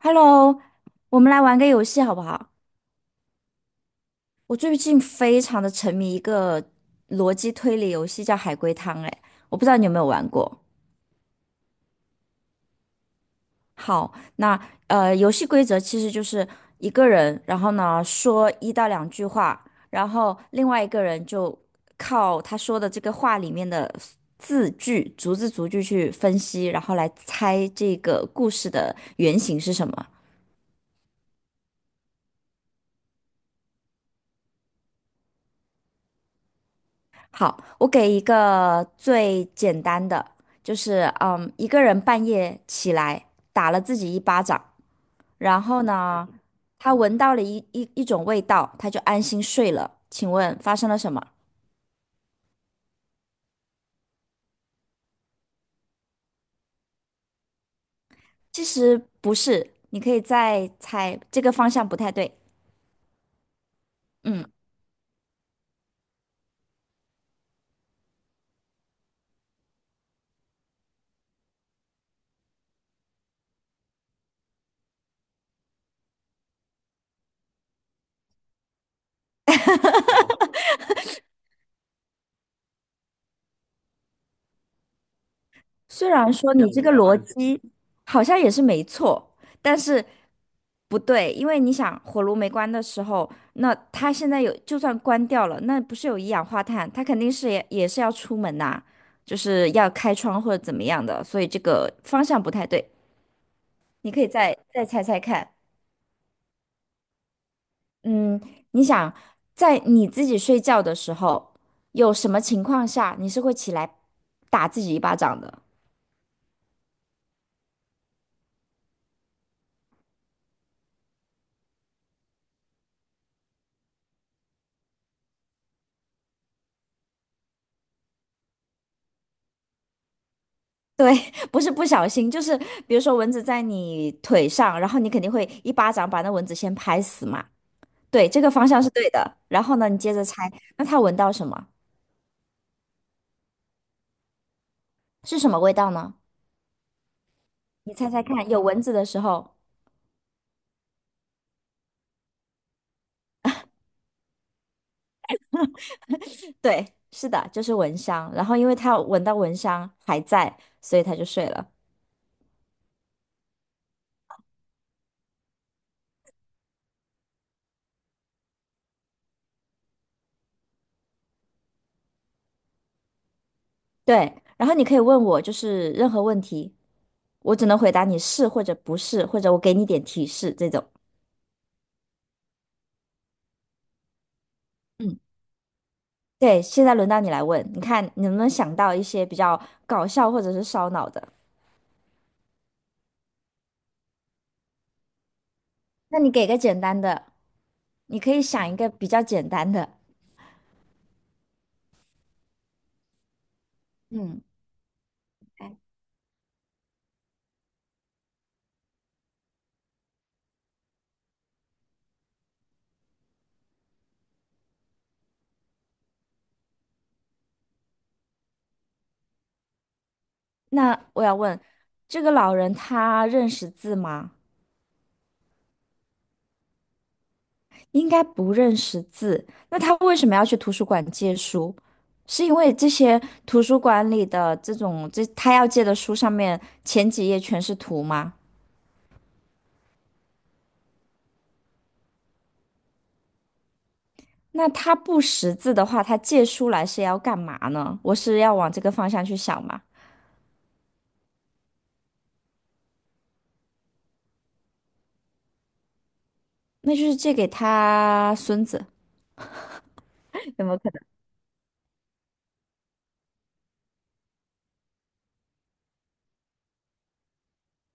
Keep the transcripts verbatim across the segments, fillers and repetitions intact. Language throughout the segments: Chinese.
Hello，我们来玩个游戏好不好？我最近非常的沉迷一个逻辑推理游戏，叫海龟汤。哎，我不知道你有没有玩过。好，那呃，游戏规则其实就是一个人，然后呢说一到两句话，然后另外一个人就靠他说的这个话里面的字句，逐字逐句去分析，然后来猜这个故事的原型是什么。好，我给一个最简单的，就是嗯，一个人半夜起来打了自己一巴掌，然后呢，他闻到了一一一种味道，他就安心睡了。请问发生了什么？其实不是，你可以再猜，这个方向不太对。嗯。虽然说这你样这个子逻辑好像也是没错，但是不对，因为你想火炉没关的时候，那它现在有就算关掉了，那不是有一氧化碳，它肯定是也也是要出门呐、就是要开窗或者怎么样的，所以这个方向不太对。你可以再再猜猜看，嗯，你想在你自己睡觉的时候，有什么情况下你是会起来打自己一巴掌的？对，不是不小心，就是比如说蚊子在你腿上，然后你肯定会一巴掌把那蚊子先拍死嘛。对，这个方向是对的。然后呢，你接着猜，那它闻到什么？是什么味道呢？你猜猜看，有蚊子的时候，对，是的，就是蚊香。然后因为它闻到蚊香还在，所以它就睡了。对，然后你可以问我就是任何问题，我只能回答你是或者不是，或者我给你点提示这种。嗯。对，现在轮到你来问，你看你能不能想到一些比较搞笑或者是烧脑的？那你给个简单的，你可以想一个比较简单的。嗯，哎，那我要问，这个老人他认识字吗？应该不认识字，那他为什么要去图书馆借书？是因为这些图书馆里的这种，这他要借的书上面前几页全是图吗？那他不识字的话，他借书来是要干嘛呢？我是要往这个方向去想嘛？那就是借给他孙子，有没有可能？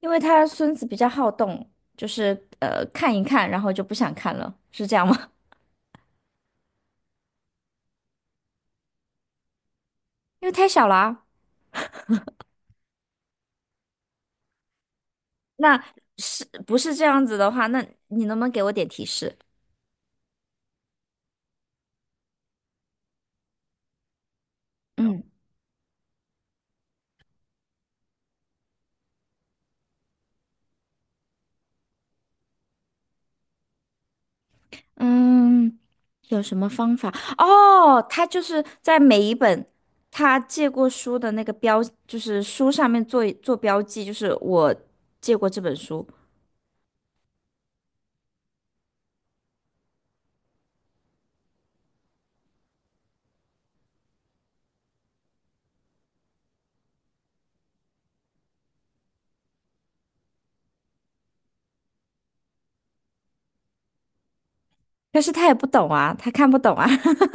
因为他孙子比较好动，就是呃看一看，然后就不想看了，是这样吗？因为太小了啊。那是不是这样子的话？那你能不能给我点提示？嗯。嗯，有什么方法？哦，他就是在每一本他借过书的那个标，就是书上面做做标记，就是我借过这本书，但是他也不懂啊，他看不懂啊。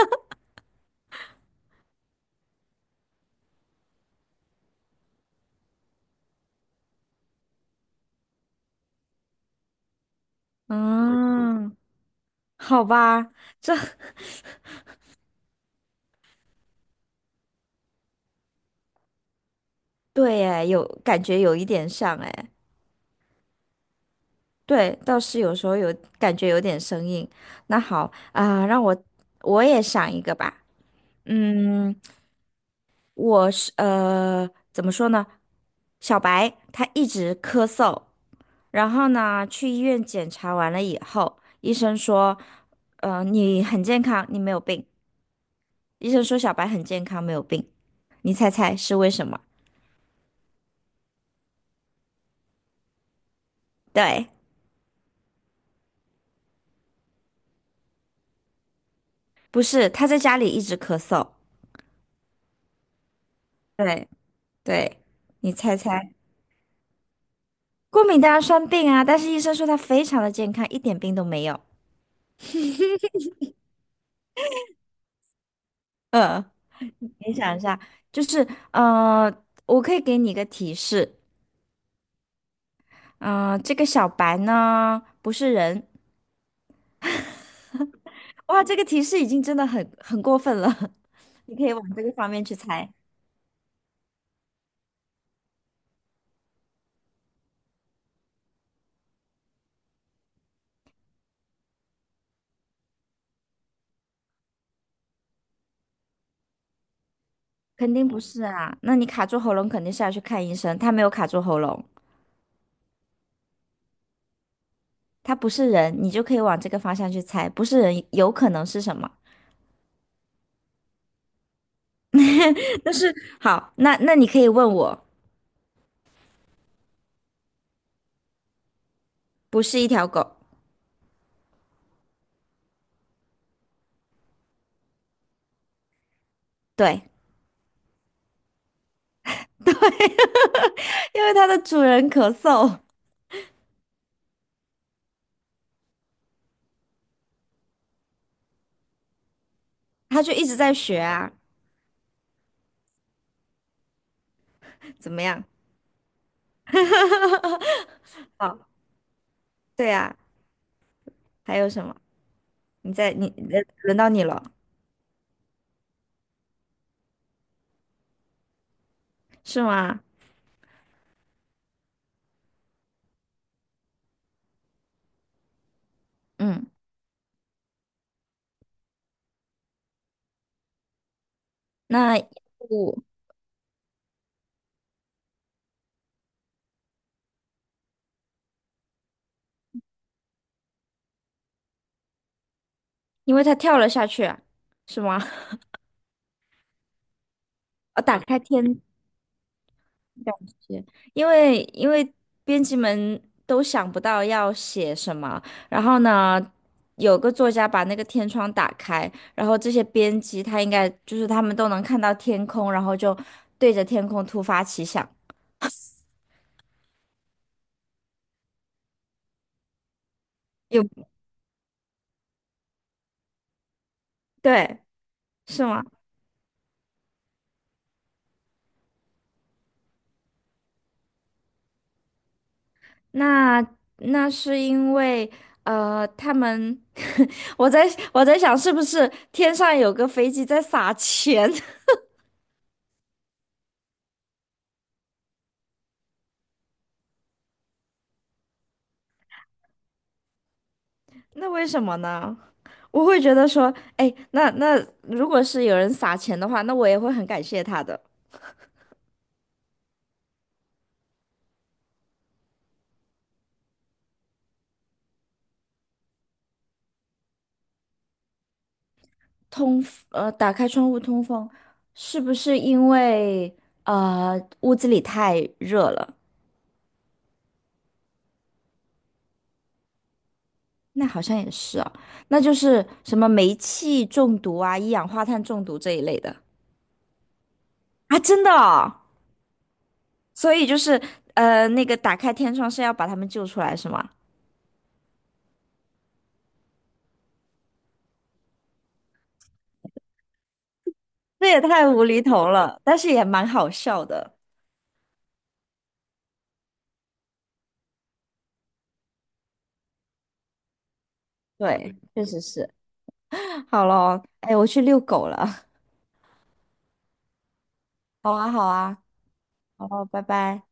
嗯，好吧，这 对哎，有感觉有一点像哎，对，倒是有时候有感觉有点生硬。那好啊，让我我也想一个吧。嗯，我是呃，怎么说呢？小白他一直咳嗽，然后呢，去医院检查完了以后，医生说，呃，你很健康，你没有病。医生说小白很健康，没有病。你猜猜是为什么？对，不是，他在家里一直咳嗽。对对，你猜猜，过敏当然算病啊，但是医生说他非常的健康，一点病都没有。你想一下，就是呃，我可以给你一个提示，嗯、呃这个小白呢不是人，哇，这个提示已经真的很很过分了，你可以往这个方面去猜，肯定不是啊。那你卡住喉咙肯定是要去看医生，他没有卡住喉咙，他不是人，你就可以往这个方向去猜，不是人有可能是什么？但是好，那那你可以问我，不是一条狗，对 对，因为它的主人咳嗽，它就一直在学啊，怎么样？好，对啊，还有什么？你在你呃轮到你了，是吗？嗯。那我因为他跳了下去啊是吗？啊，打开天感觉，因为因为编辑们都想不到要写什么，然后呢，有个作家把那个天窗打开，然后这些编辑他应该就是他们都能看到天空，然后就对着天空突发奇想，有，对，是吗？那那是因为，呃，他们，我在我在想，是不是天上有个飞机在撒钱？那为什么呢？我会觉得说，哎，那那如果是有人撒钱的话，那我也会很感谢他的。通，呃，打开窗户通风，是不是因为呃屋子里太热了？那好像也是啊，那就是什么煤气中毒啊、一氧化碳中毒这一类的啊，真的哦所以就是呃，那个打开天窗是要把他们救出来，是吗？这也太无厘头了，但是也蛮好笑的。对，确实是。好咯，哎，我去遛狗了。好啊，好啊，好咯，拜拜。